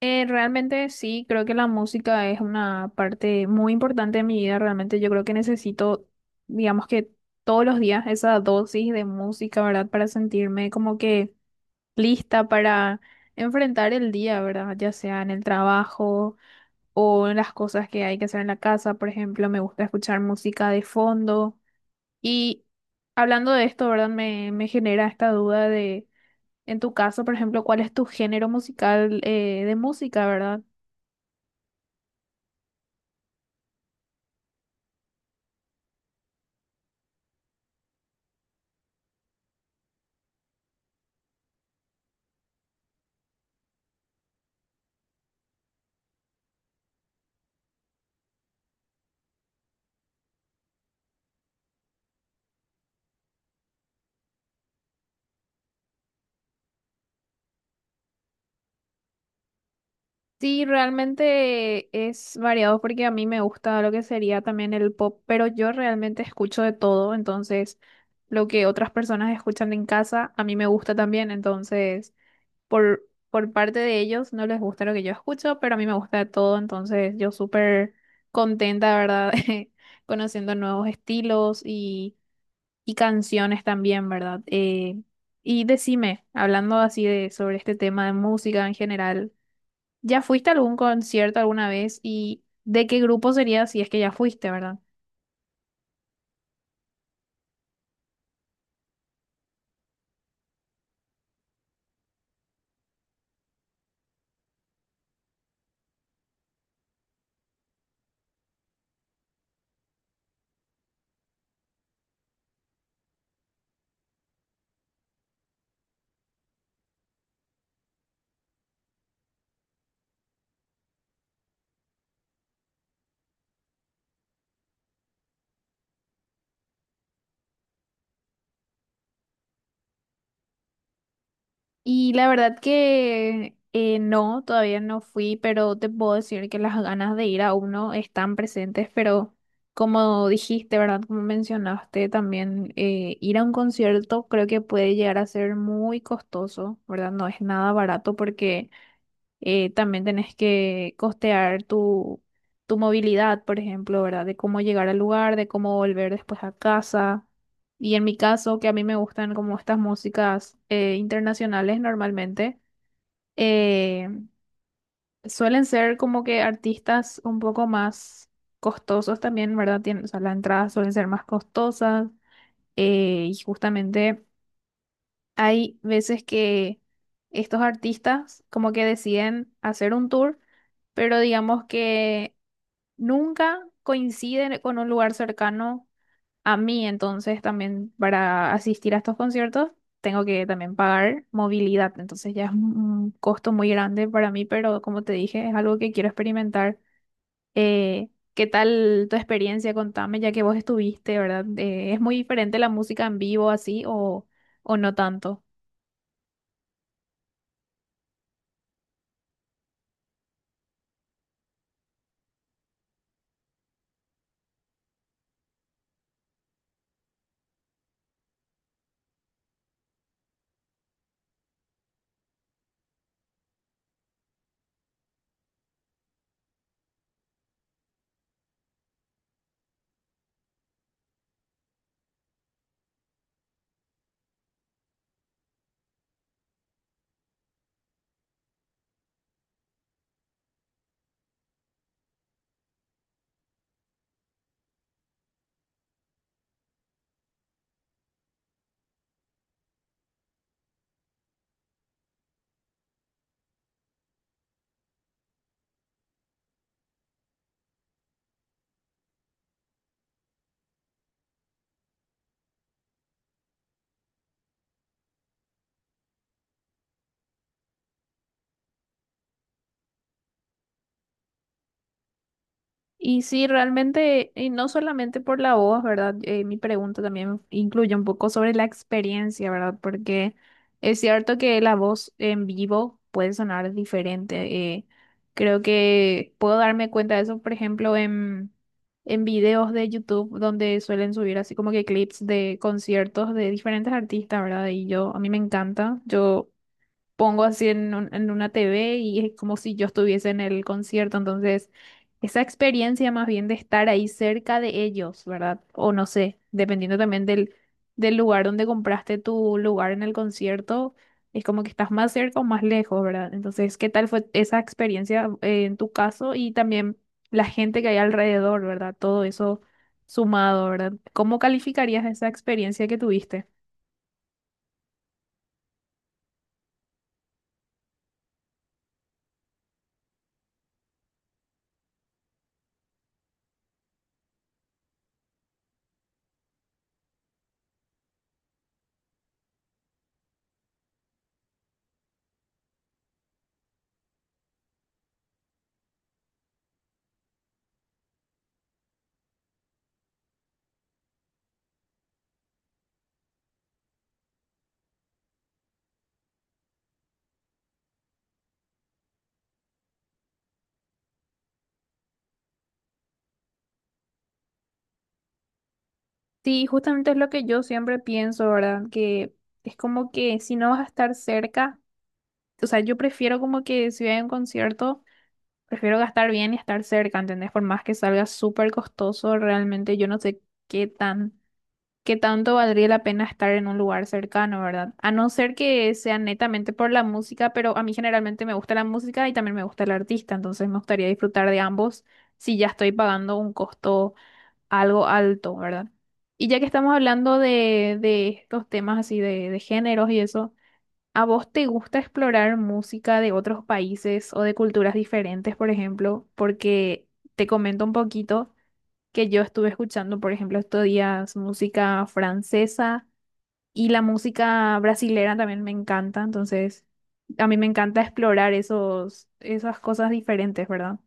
Realmente sí, creo que la música es una parte muy importante de mi vida. Realmente yo creo que necesito, digamos que todos los días, esa dosis de música, ¿verdad? Para sentirme como que lista para enfrentar el día, ¿verdad? Ya sea en el trabajo o en las cosas que hay que hacer en la casa. Por ejemplo, me gusta escuchar música de fondo. Y hablando de esto, ¿verdad? Me genera esta duda de, en tu caso, por ejemplo, ¿cuál es tu género musical de música, verdad? Sí, realmente es variado porque a mí me gusta lo que sería también el pop, pero yo realmente escucho de todo, entonces lo que otras personas escuchan en casa a mí me gusta también, entonces por, por parte de ellos no les gusta lo que yo escucho, pero a mí me gusta de todo, entonces yo súper contenta, ¿verdad? Conociendo nuevos estilos y canciones también, ¿verdad? Y decime, hablando así de sobre este tema de música en general. ¿Ya fuiste a algún concierto alguna vez y de qué grupo sería si es que ya fuiste, verdad? Y la verdad que no, todavía no fui, pero te puedo decir que las ganas de ir a uno están presentes, pero como dijiste, ¿verdad? Como mencionaste también, ir a un concierto creo que puede llegar a ser muy costoso, ¿verdad? No es nada barato porque también tenés que costear tu movilidad, por ejemplo, ¿verdad? De cómo llegar al lugar, de cómo volver después a casa. Y en mi caso, que a mí me gustan como estas músicas internacionales normalmente, eh, suelen ser como que artistas un poco más costosos también, ¿verdad? Tienen, o sea, las entradas suelen ser más costosas y justamente, hay veces que estos artistas como que deciden hacer un tour, pero digamos que nunca coinciden con un lugar cercano a mí, entonces también para asistir a estos conciertos tengo que también pagar movilidad, entonces ya es un costo muy grande para mí, pero como te dije, es algo que quiero experimentar. Eh, ¿Qué tal tu experiencia? Contame, ya que vos estuviste, ¿verdad? ¿Es muy diferente la música en vivo así o no tanto? Y sí, realmente, y no solamente por la voz, ¿verdad? Mi pregunta también incluye un poco sobre la experiencia, ¿verdad? Porque es cierto que la voz en vivo puede sonar diferente. Creo que puedo darme cuenta de eso, por ejemplo, en videos de YouTube donde suelen subir así como que clips de conciertos de diferentes artistas, ¿verdad? Y yo, a mí me encanta. Yo pongo así en una TV y es como si yo estuviese en el concierto. Entonces, esa experiencia más bien de estar ahí cerca de ellos, ¿verdad? O no sé, dependiendo también del lugar donde compraste tu lugar en el concierto, es como que estás más cerca o más lejos, ¿verdad? Entonces, ¿qué tal fue esa experiencia en tu caso y también la gente que hay alrededor, verdad? Todo eso sumado, ¿verdad? ¿Cómo calificarías esa experiencia que tuviste? Sí, justamente es lo que yo siempre pienso, ¿verdad? Que es como que si no vas a estar cerca, o sea, yo prefiero como que si voy a un concierto, prefiero gastar bien y estar cerca, ¿entendés? Por más que salga súper costoso, realmente yo no sé qué tan, qué tanto valdría la pena estar en un lugar cercano, ¿verdad? A no ser que sea netamente por la música, pero a mí generalmente me gusta la música y también me gusta el artista, entonces me gustaría disfrutar de ambos si ya estoy pagando un costo algo alto, ¿verdad? Y ya que estamos hablando de estos temas así de géneros y eso, ¿a vos te gusta explorar música de otros países o de culturas diferentes, por ejemplo? Porque te comento un poquito que yo estuve escuchando, por ejemplo, estos días música francesa y la música brasilera también me encanta, entonces a mí me encanta explorar esos, esas cosas diferentes, ¿verdad?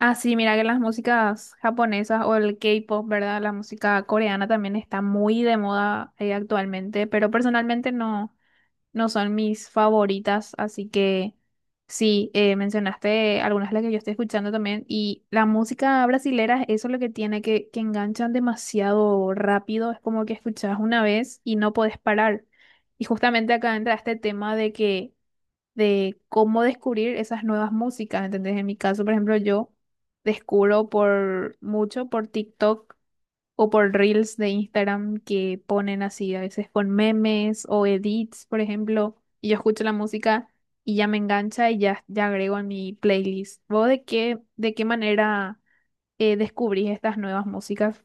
Ah, sí, mira que las músicas japonesas o el K-pop, ¿verdad? La música coreana también está muy de moda actualmente, pero personalmente no, no son mis favoritas, así que sí, mencionaste algunas de las que yo estoy escuchando también, y la música brasilera, eso es lo que tiene, que enganchan demasiado rápido, es como que escuchas una vez y no podés parar. Y justamente acá entra este tema de cómo descubrir esas nuevas músicas, ¿entendés? En mi caso, por ejemplo, yo descubro por mucho por TikTok o por Reels de Instagram que ponen así, a veces con memes o edits, por ejemplo, y yo escucho la música y ya me engancha y ya agrego en mi playlist. ¿Vos de qué manera descubrís estas nuevas músicas?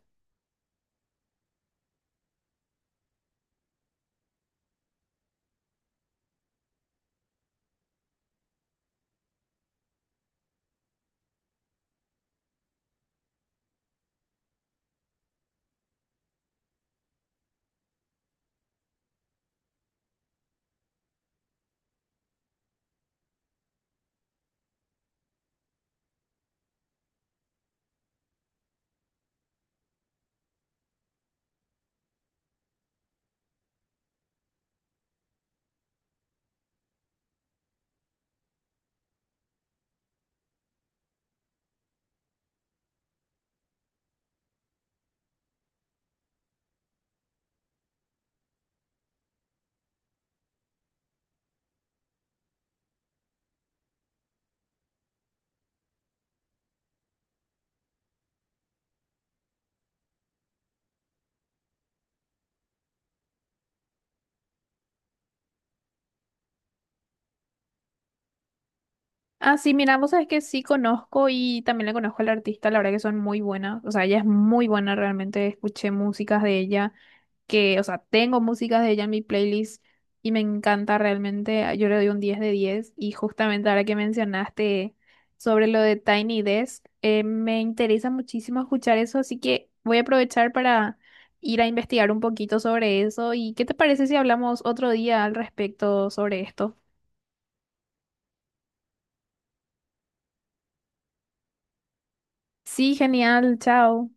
Ah, sí, mira, vos sabés que sí conozco y también le conozco al artista, la verdad que son muy buenas, o sea, ella es muy buena realmente, escuché músicas de ella que, o sea, tengo músicas de ella en mi playlist y me encanta realmente, yo le doy un 10 de 10 y justamente ahora que mencionaste sobre lo de Tiny Desk, me interesa muchísimo escuchar eso, así que voy a aprovechar para ir a investigar un poquito sobre eso y ¿qué te parece si hablamos otro día al respecto sobre esto? Sí, genial, chao.